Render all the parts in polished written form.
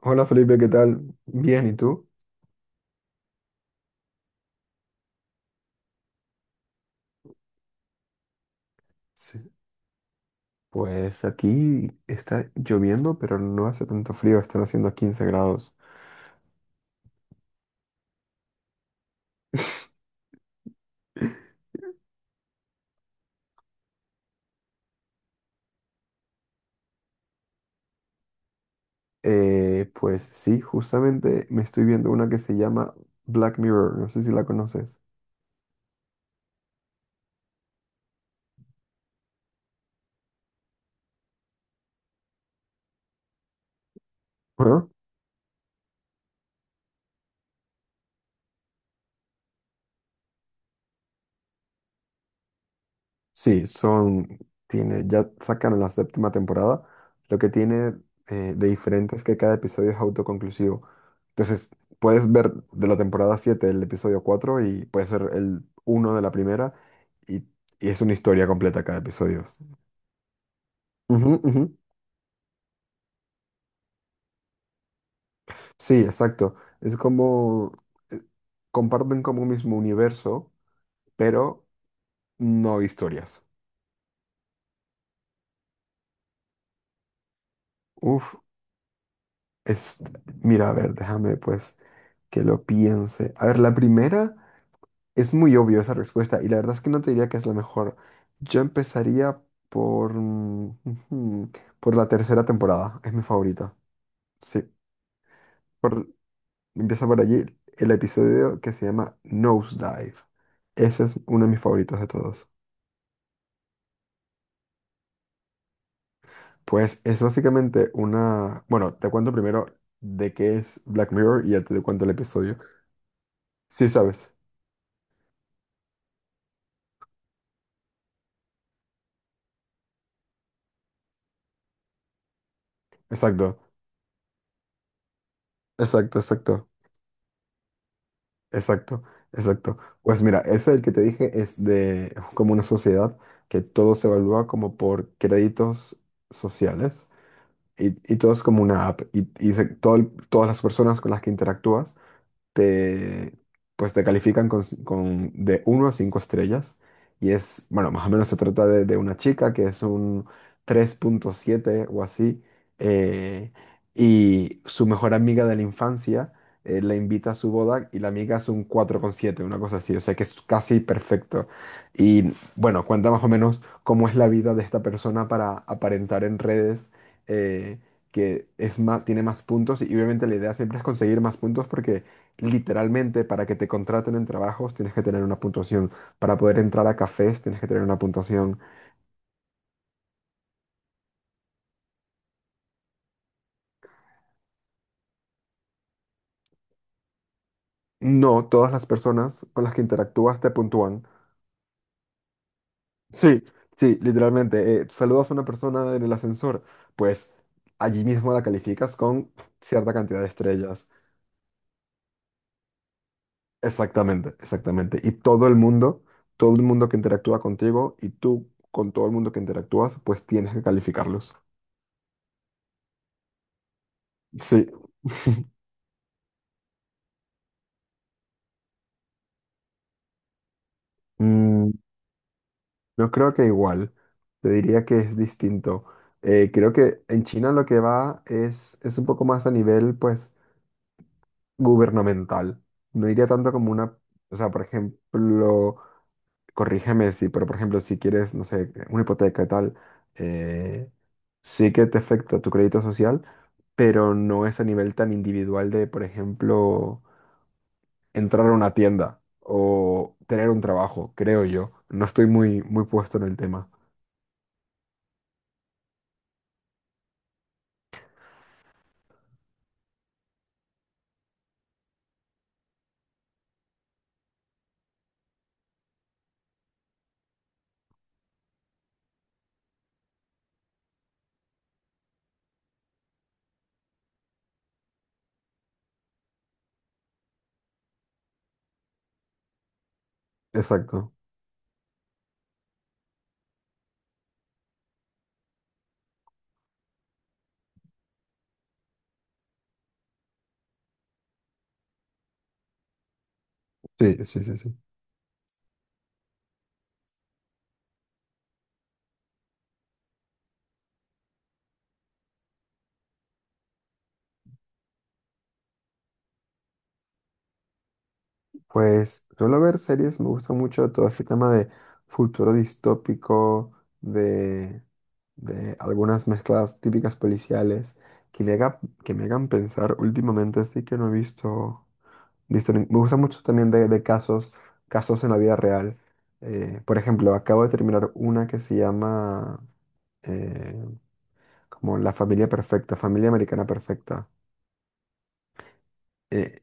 Hola Felipe, ¿qué tal? Bien, ¿y tú? Sí. Pues aquí está lloviendo, pero no hace tanto frío, están haciendo 15 grados. Pues sí, justamente me estoy viendo una que se llama Black Mirror, no sé si la conoces. Sí, tiene, ya sacaron la séptima temporada. Lo que tiene de diferente es que cada episodio es autoconclusivo. Entonces, puedes ver de la temporada 7 el episodio 4 y puede ser el uno de la primera y, y es una historia completa cada episodio. Ujú, ujú. Sí, exacto. Es como, eh, comparten como un mismo universo, pero no historias. Uf, es, mira, a ver, déjame pues que lo piense. A ver, la primera... Es muy obvio esa respuesta y la verdad es que no te diría que es la mejor. Yo empezaría por, mm, ujú, por la tercera temporada, es mi favorita. Sí, por, empieza por allí el episodio que se llama Nosedive. Ese es uno de mis favoritos de todos. Pues es básicamente una... Bueno, te cuento primero de qué es Black Mirror y ya te cuento el episodio. Sí, sabes. Exacto, exacto, exacto. Exacto, exacto. Pues mira, ese el que te dije es de como una sociedad que todo se evalúa como por créditos sociales y todo es como una app y todas las personas con las que interactúas te, pues te califican con de 1 a 5 estrellas. Y es, bueno, más o menos se trata de una chica que es un 3.7 o así. eh, y su mejor amiga de la infancia la invita a su boda y la amiga es un 4,7 una cosa así. O sea que es casi perfecto. Y bueno, cuenta más o menos cómo es la vida de esta persona para aparentar en redes. eh, que es más, tiene más puntos y obviamente la idea siempre es conseguir más puntos porque literalmente, para que te contraten en trabajos tienes que tener una puntuación. Para poder entrar a cafés tienes que tener una puntuación. No, todas las personas con las que interactúas te puntúan. Sí, sí, literalmente. Saludas a una persona en el ascensor, pues allí mismo la calificas con cierta cantidad de estrellas. Exactamente, exactamente. Y todo el mundo que interactúa contigo y tú con todo el mundo que interactúas, pues tienes que calificarlos. Sí. Mm. Yo creo que igual, te diría que es distinto. Creo que en China lo que va es un poco más a nivel, pues, gubernamental. No diría tanto como una, o sea, por ejemplo, corrígeme si, pero por ejemplo, si quieres, no sé, una hipoteca y tal, eh, sí que te afecta tu crédito social, pero no es a nivel tan individual de, por ejemplo, entrar a una tienda o tener un trabajo, creo yo. No estoy muy, muy puesto en el tema. Exacto. Sí, sí, sí, sí. Pues suelo ver series, me gusta mucho todo este tema de futuro distópico, de, de algunas mezclas típicas policiales que me hagan pensar últimamente, así que no he visto, visto ni- me gusta mucho también de casos, casos en la vida real. Por ejemplo, acabo de terminar una que se llama eh, como La familia perfecta, familia americana perfecta. Eh,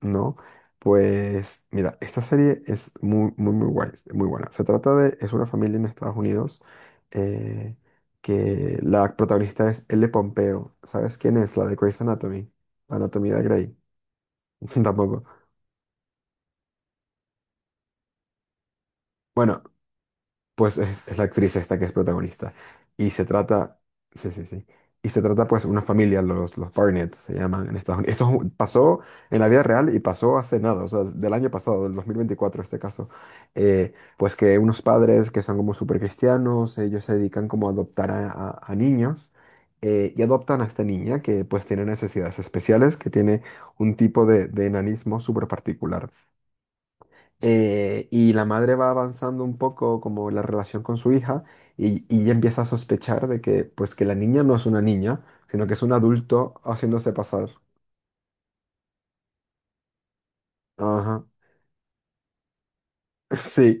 No, pues mira, esta serie es muy, muy, muy guay, es muy buena. Se trata de, es una familia en Estados Unidos eh, que la protagonista es Elle Pompeo. ¿Sabes quién es? La de Grey's Anatomy, la Anatomía de Grey. Tampoco. Bueno, pues es la actriz esta que es protagonista. Y se trata, sí, sí, sí. Y se trata pues una familia, los Barnett se llaman en Estados Unidos. Esto es pasó en la vida real y pasó hace nada, o sea, del año pasado, del 2024 este caso. Pues que unos padres que son como súper cristianos, ellos se dedican como a adoptar a niños. Y adoptan a esta niña que pues tiene necesidades especiales, que tiene un tipo de enanismo súper particular y la madre va avanzando un poco como la relación con su hija y ella empieza a sospechar de que pues que la niña no es una niña, sino que es un adulto haciéndose pasar. Ajá, sí.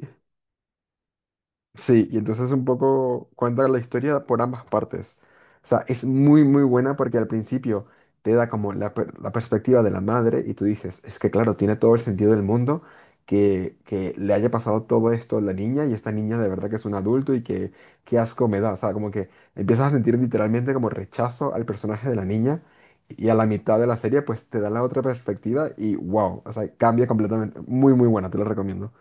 Sí, y entonces un poco cuenta la historia por ambas partes. O sea, es muy, muy buena porque al principio te da como la perspectiva de la madre y tú dices, es que claro, tiene todo el sentido del mundo que le haya pasado todo esto a la niña y esta niña de verdad que es un adulto y que qué asco me da. O sea, como que empiezas a sentir literalmente como rechazo al personaje de la niña y a la mitad de la serie pues te da la otra perspectiva y wow, o sea, cambia completamente. Muy, muy buena, te lo recomiendo.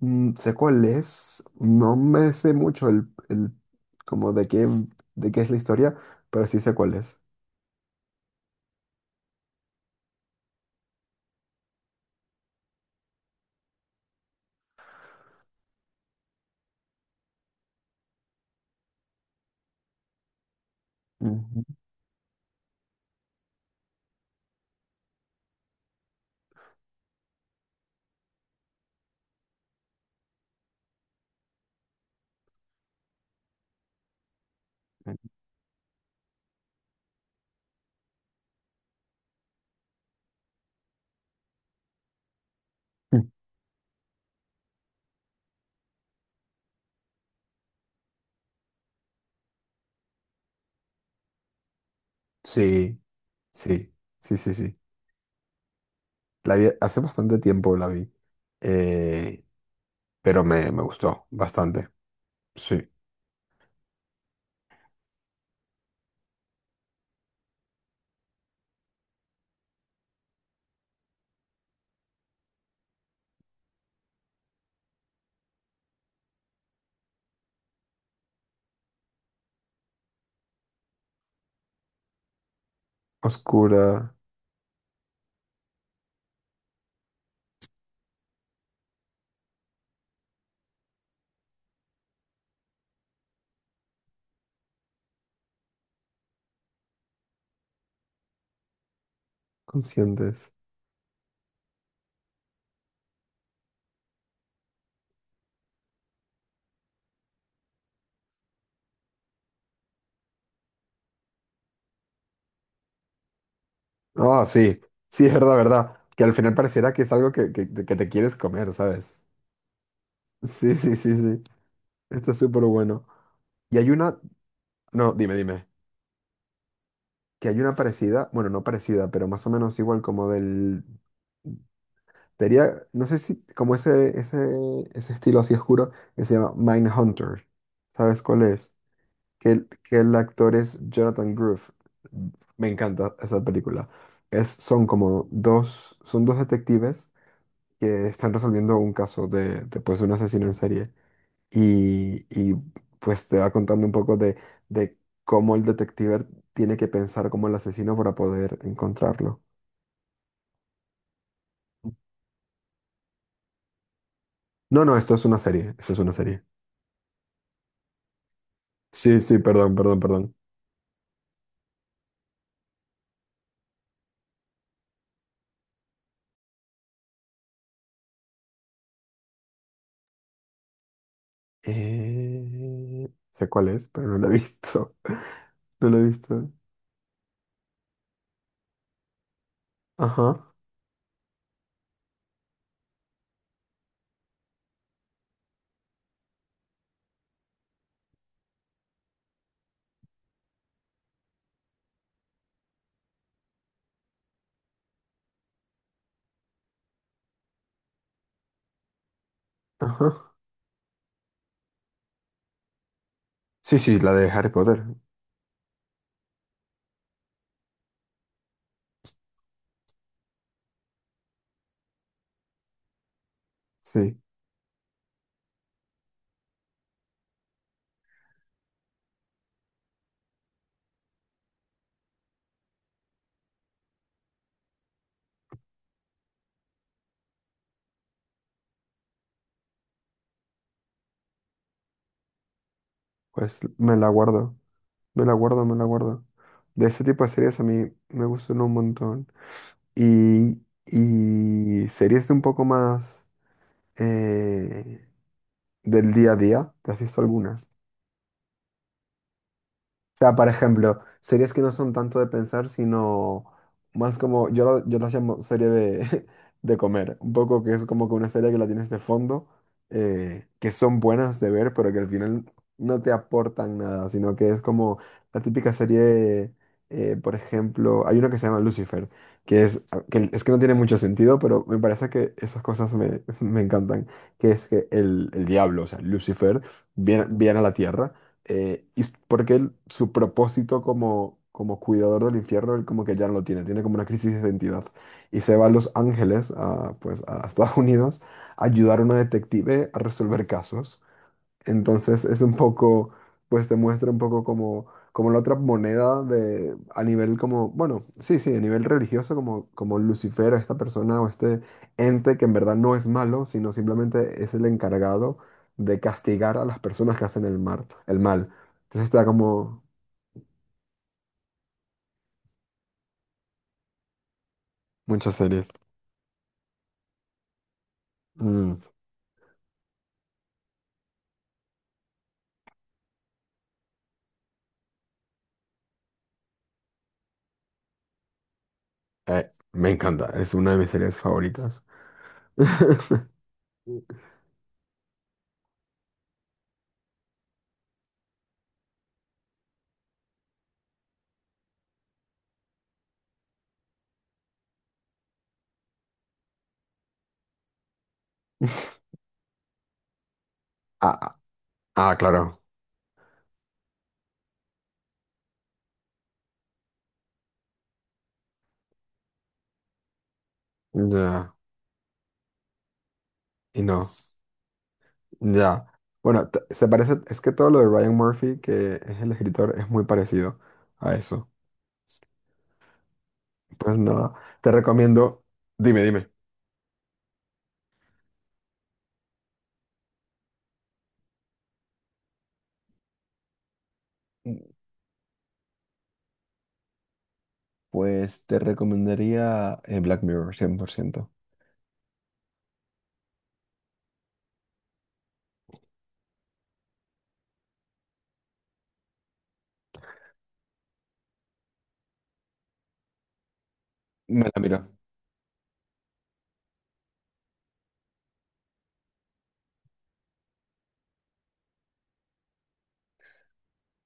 Mm, sé cuál es, no me sé mucho el como de qué es la historia, pero sí sé cuál es. Ujú. Mm. Sí, sí, sí, sí, sí. La vi hace bastante tiempo la vi, eh, pero me gustó bastante. Sí. Oscura, conscientes. Ah, sí, sí, es verdad, verdad. Que al final pareciera que es algo que te quieres comer, ¿sabes? Sí, sí, sí, sí. Está súper bueno. Y hay una... No, dime, dime. Que hay una parecida, bueno, no parecida, pero más o menos igual como del... Sería, no sé si, como ese estilo así oscuro que se llama Mindhunter. ¿Sabes cuál es? Que el actor es Jonathan Groff. Me encanta esa película. Son como dos, son 2 detectives que están resolviendo un caso de, pues, un asesino en serie y, y, pues te va contando un poco de cómo el detective tiene que pensar como el asesino para poder encontrarlo. No, no, esto es una serie, esto es una serie. Sí, sí, perdón, perdón, perdón. Sé cuál es, pero no la he visto. No la he visto. Ajá, ajá. Sí, sí, la de Harry Potter. Sí, pues me la guardo, me la guardo, me la guardo. De ese tipo de series a mí me gustan un montón. Y, y series de un poco más... eh, ¿Del día a día? ¿Te has visto alguna? Sea, por ejemplo, series que no son tanto de pensar, sino más como, yo las llamo serie de, de comer, un poco que es como que una serie que la tienes de fondo, que son buenas de ver, pero que al final no te aportan nada, sino que es como la típica serie, por ejemplo, hay una que se llama Lucifer, que es es que no tiene mucho sentido, pero me parece que esas cosas me, me encantan, que es que el diablo, o sea, Lucifer, viene a la tierra y porque él, su propósito como, cuidador del infierno, él como que ya no lo tiene, tiene como una crisis de identidad. Y se va a Los Ángeles, pues a Estados Unidos, a ayudar a una detective a resolver casos. Entonces es un poco, pues te muestra un poco como, como la otra moneda de, a nivel como, bueno, sí, sí, a nivel religioso, como, como Lucifer, esta persona o este ente que en verdad no es malo, sino simplemente es el encargado de castigar a las personas que hacen el mal, el mal. Entonces está como muchas series. Mm, Me encanta, es una de mis series favoritas. Ah, ah, ah, claro. Ya. Y no. Ya. Bueno, se parece, es que todo lo de Ryan Murphy, que es el escritor, es muy parecido a eso. Pues nada, te recomiendo. Dime, dime. Pues te recomendaría Black Mirror, 100%. Me la miro.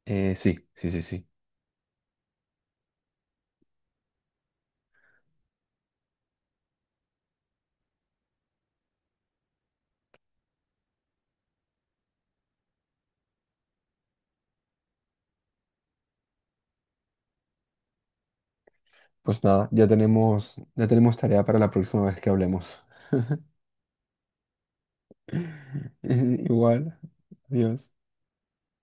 Sí, sí, sí, sí. Pues nada, ya tenemos tarea para la próxima vez que hablemos. Igual. Adiós.